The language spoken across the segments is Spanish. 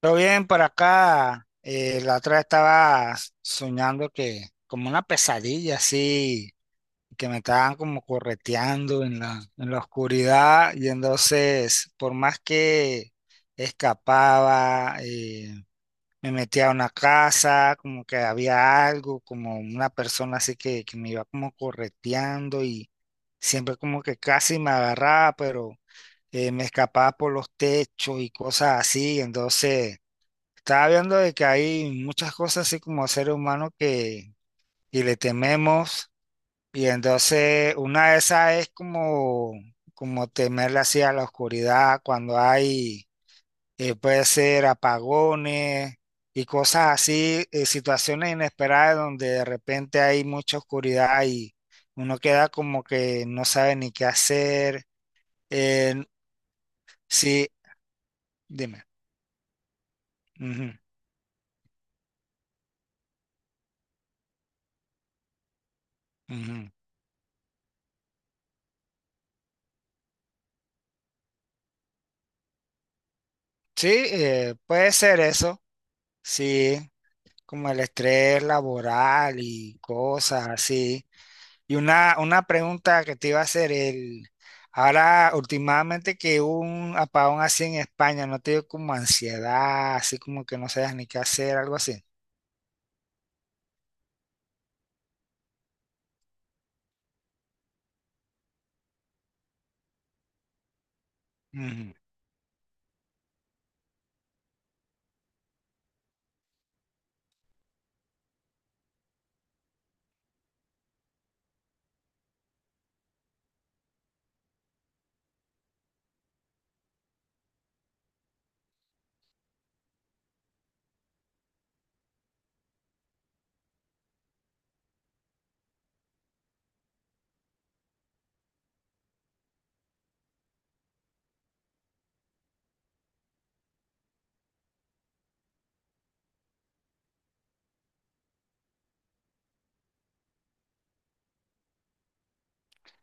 Todo bien por acá. La otra vez estaba soñando que, como una pesadilla así, que me estaban como correteando en la oscuridad. Y entonces, por más que escapaba, me metía a una casa, como que había algo, como una persona así que me iba como correteando y siempre como que casi me agarraba, pero me escapaba por los techos y cosas así. Entonces. Estaba viendo de que hay muchas cosas así como ser humano que le tememos, y entonces una de esas es como temerle así a la oscuridad cuando hay, puede ser apagones y cosas así, situaciones inesperadas donde de repente hay mucha oscuridad y uno queda como que no sabe ni qué hacer. Eh, sí, dime. Ujú, ujú. Sí, puede ser eso, sí. Como el estrés laboral y cosas así. Y una pregunta que te iba a hacer, ahora últimamente que hubo un apagón así en España, ¿no te dio como ansiedad, así como que no sabes ni qué hacer, algo así? Ujú.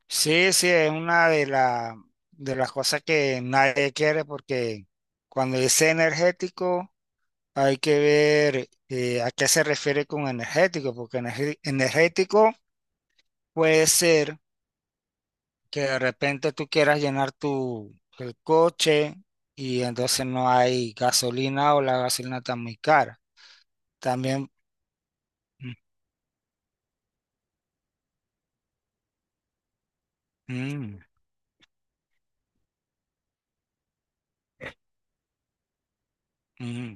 Sí, sí, es una de las cosas que nadie quiere, porque cuando dice energético hay que ver, a qué se refiere con energético, porque energético puede ser que de repente tú quieras llenar tu el coche y entonces no hay gasolina o la gasolina está muy cara. También. Mm. Mm. Mm.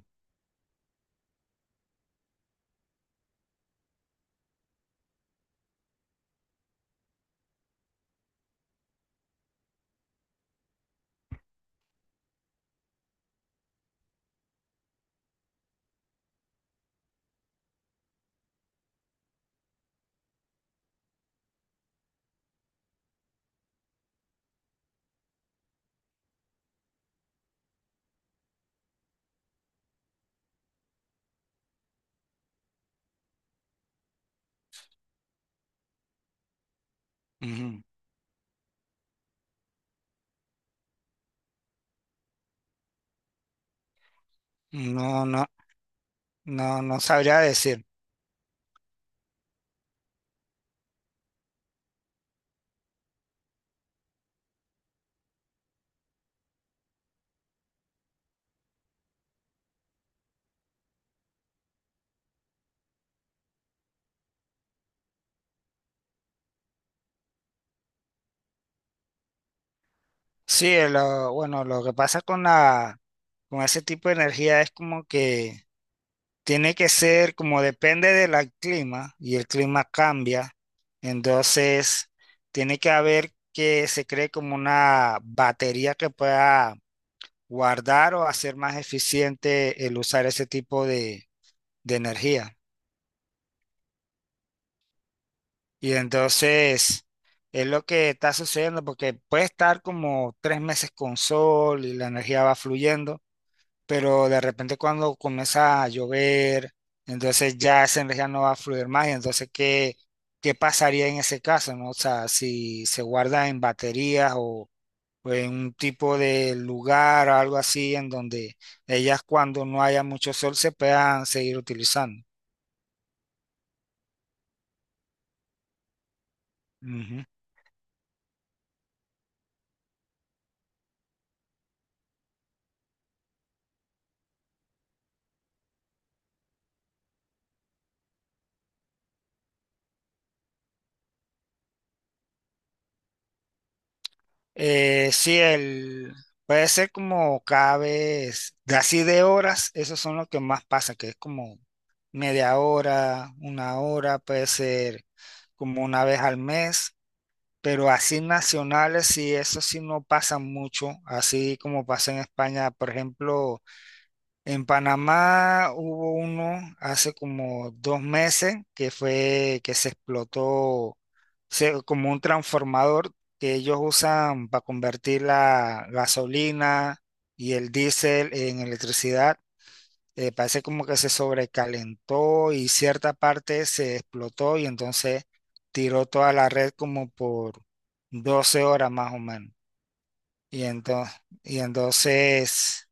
Mm. No, no, no. No sabría decir. Sí, bueno, lo que pasa con con ese tipo de energía es como que tiene que ser, como depende del clima y el clima cambia, entonces tiene que haber que se cree como una batería que pueda guardar o hacer más eficiente el usar ese tipo de energía. Y entonces es lo que está sucediendo porque puede estar como 3 meses con sol y la energía va fluyendo, pero de repente cuando comienza a llover, entonces ya esa energía no va a fluir más. Y entonces, ¿qué pasaría en ese caso, no? O sea, si se guarda en baterías o, pues, un tipo de lugar o algo así en donde ellas cuando no haya mucho sol se puedan seguir utilizando. Ujú. Sí, puede ser como cada vez, de así de horas, esos son los que más pasa, que es como media hora, una hora, puede ser como una vez al mes, pero así nacionales, sí, eso sí no pasa mucho, así como pasa en España, por ejemplo. En Panamá hubo uno hace como 2 meses que fue que se explotó, como un transformador que ellos usan para convertir la gasolina y el diésel en electricidad. Parece como que se sobrecalentó y cierta parte se explotó y entonces tiró toda la red como por 12 horas más o menos. Y entonces, y entonces,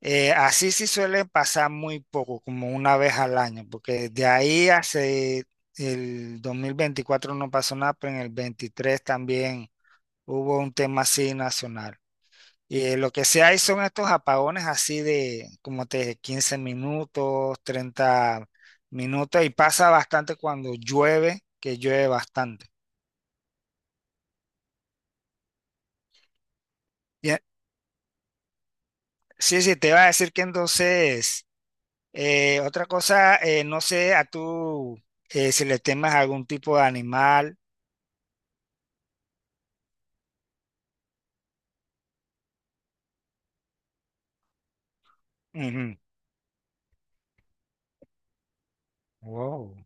así sí suelen pasar muy poco, como una vez al año, porque de ahí hace el 2024 no pasó nada, pero en el 23 también hubo un tema así nacional. Y lo que sí hay son estos apagones así de, como te dije, 15 minutos, 30 minutos, y pasa bastante cuando llueve, que llueve bastante. Y, sí, sí, te iba a decir que entonces. Otra cosa, no sé a tú, si le temas a algún tipo de animal. Ujú. Wow.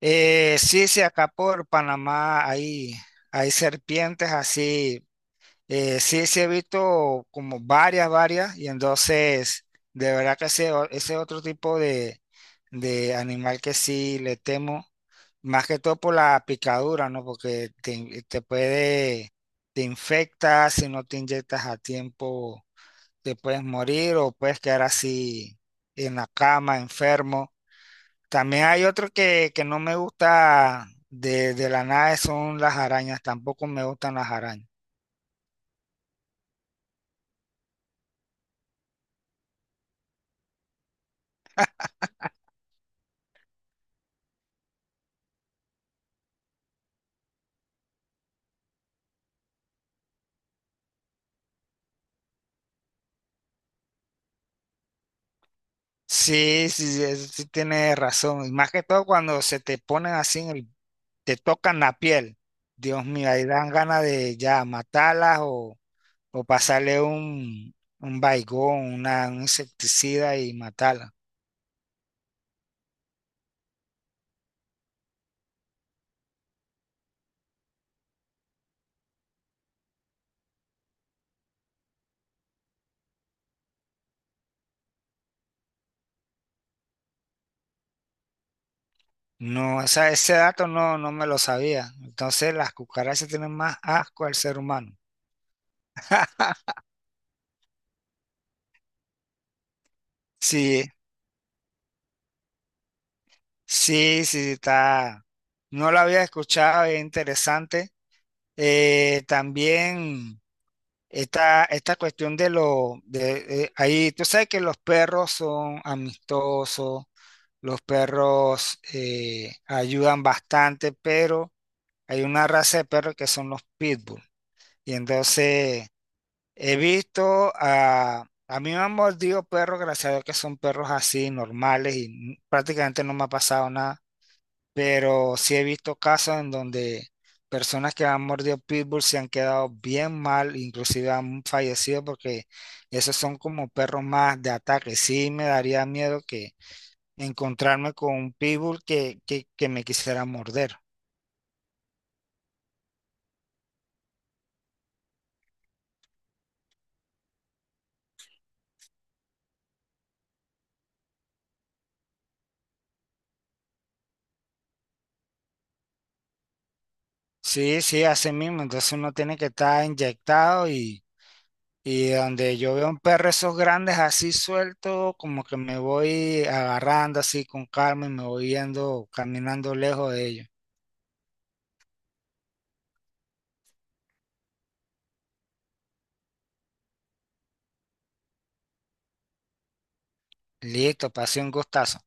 Sí, sí, acá por Panamá hay serpientes así. Sí, sí he visto como varias, varias. Y entonces, de verdad que ese otro tipo de animal que sí le temo, más que todo por la picadura, ¿no? Porque te infecta si no te inyectas a tiempo, te puedes morir o puedes quedar así en la cama, enfermo. También hay otro que no me gusta de la nada, son las arañas. Tampoco me gustan las arañas. Sí, sí, sí, sí, tienes razón. Y más que todo cuando se te ponen así, te tocan la piel. Dios mío, ahí dan ganas de ya matarlas, o pasarle un baigón, un insecticida y matarlas. No, o sea, ese dato no, no me lo sabía. Entonces las cucarachas tienen más asco al ser humano. Sí, sí, sí, está. No lo había escuchado, es interesante. También, esta cuestión de lo, de, ahí, tú sabes que los perros son amistosos, los perros ayudan bastante, pero hay una raza de perros que son los pitbull. Y entonces. A mí me han mordido perros, gracias a Dios que son perros así, normales, y prácticamente no me ha pasado nada. Pero sí he visto casos en donde personas que han mordido pitbull se han quedado bien mal, inclusive han fallecido porque esos son como perros más de ataque. Sí me daría miedo que encontrarme con un pitbull que me quisiera morder. Sí, sí, así mismo. Entonces uno tiene que estar inyectado. Y donde yo veo un perro esos grandes así suelto, como que me voy agarrando así con calma y me voy yendo caminando lejos de ellos. Listo, pasé un gustazo.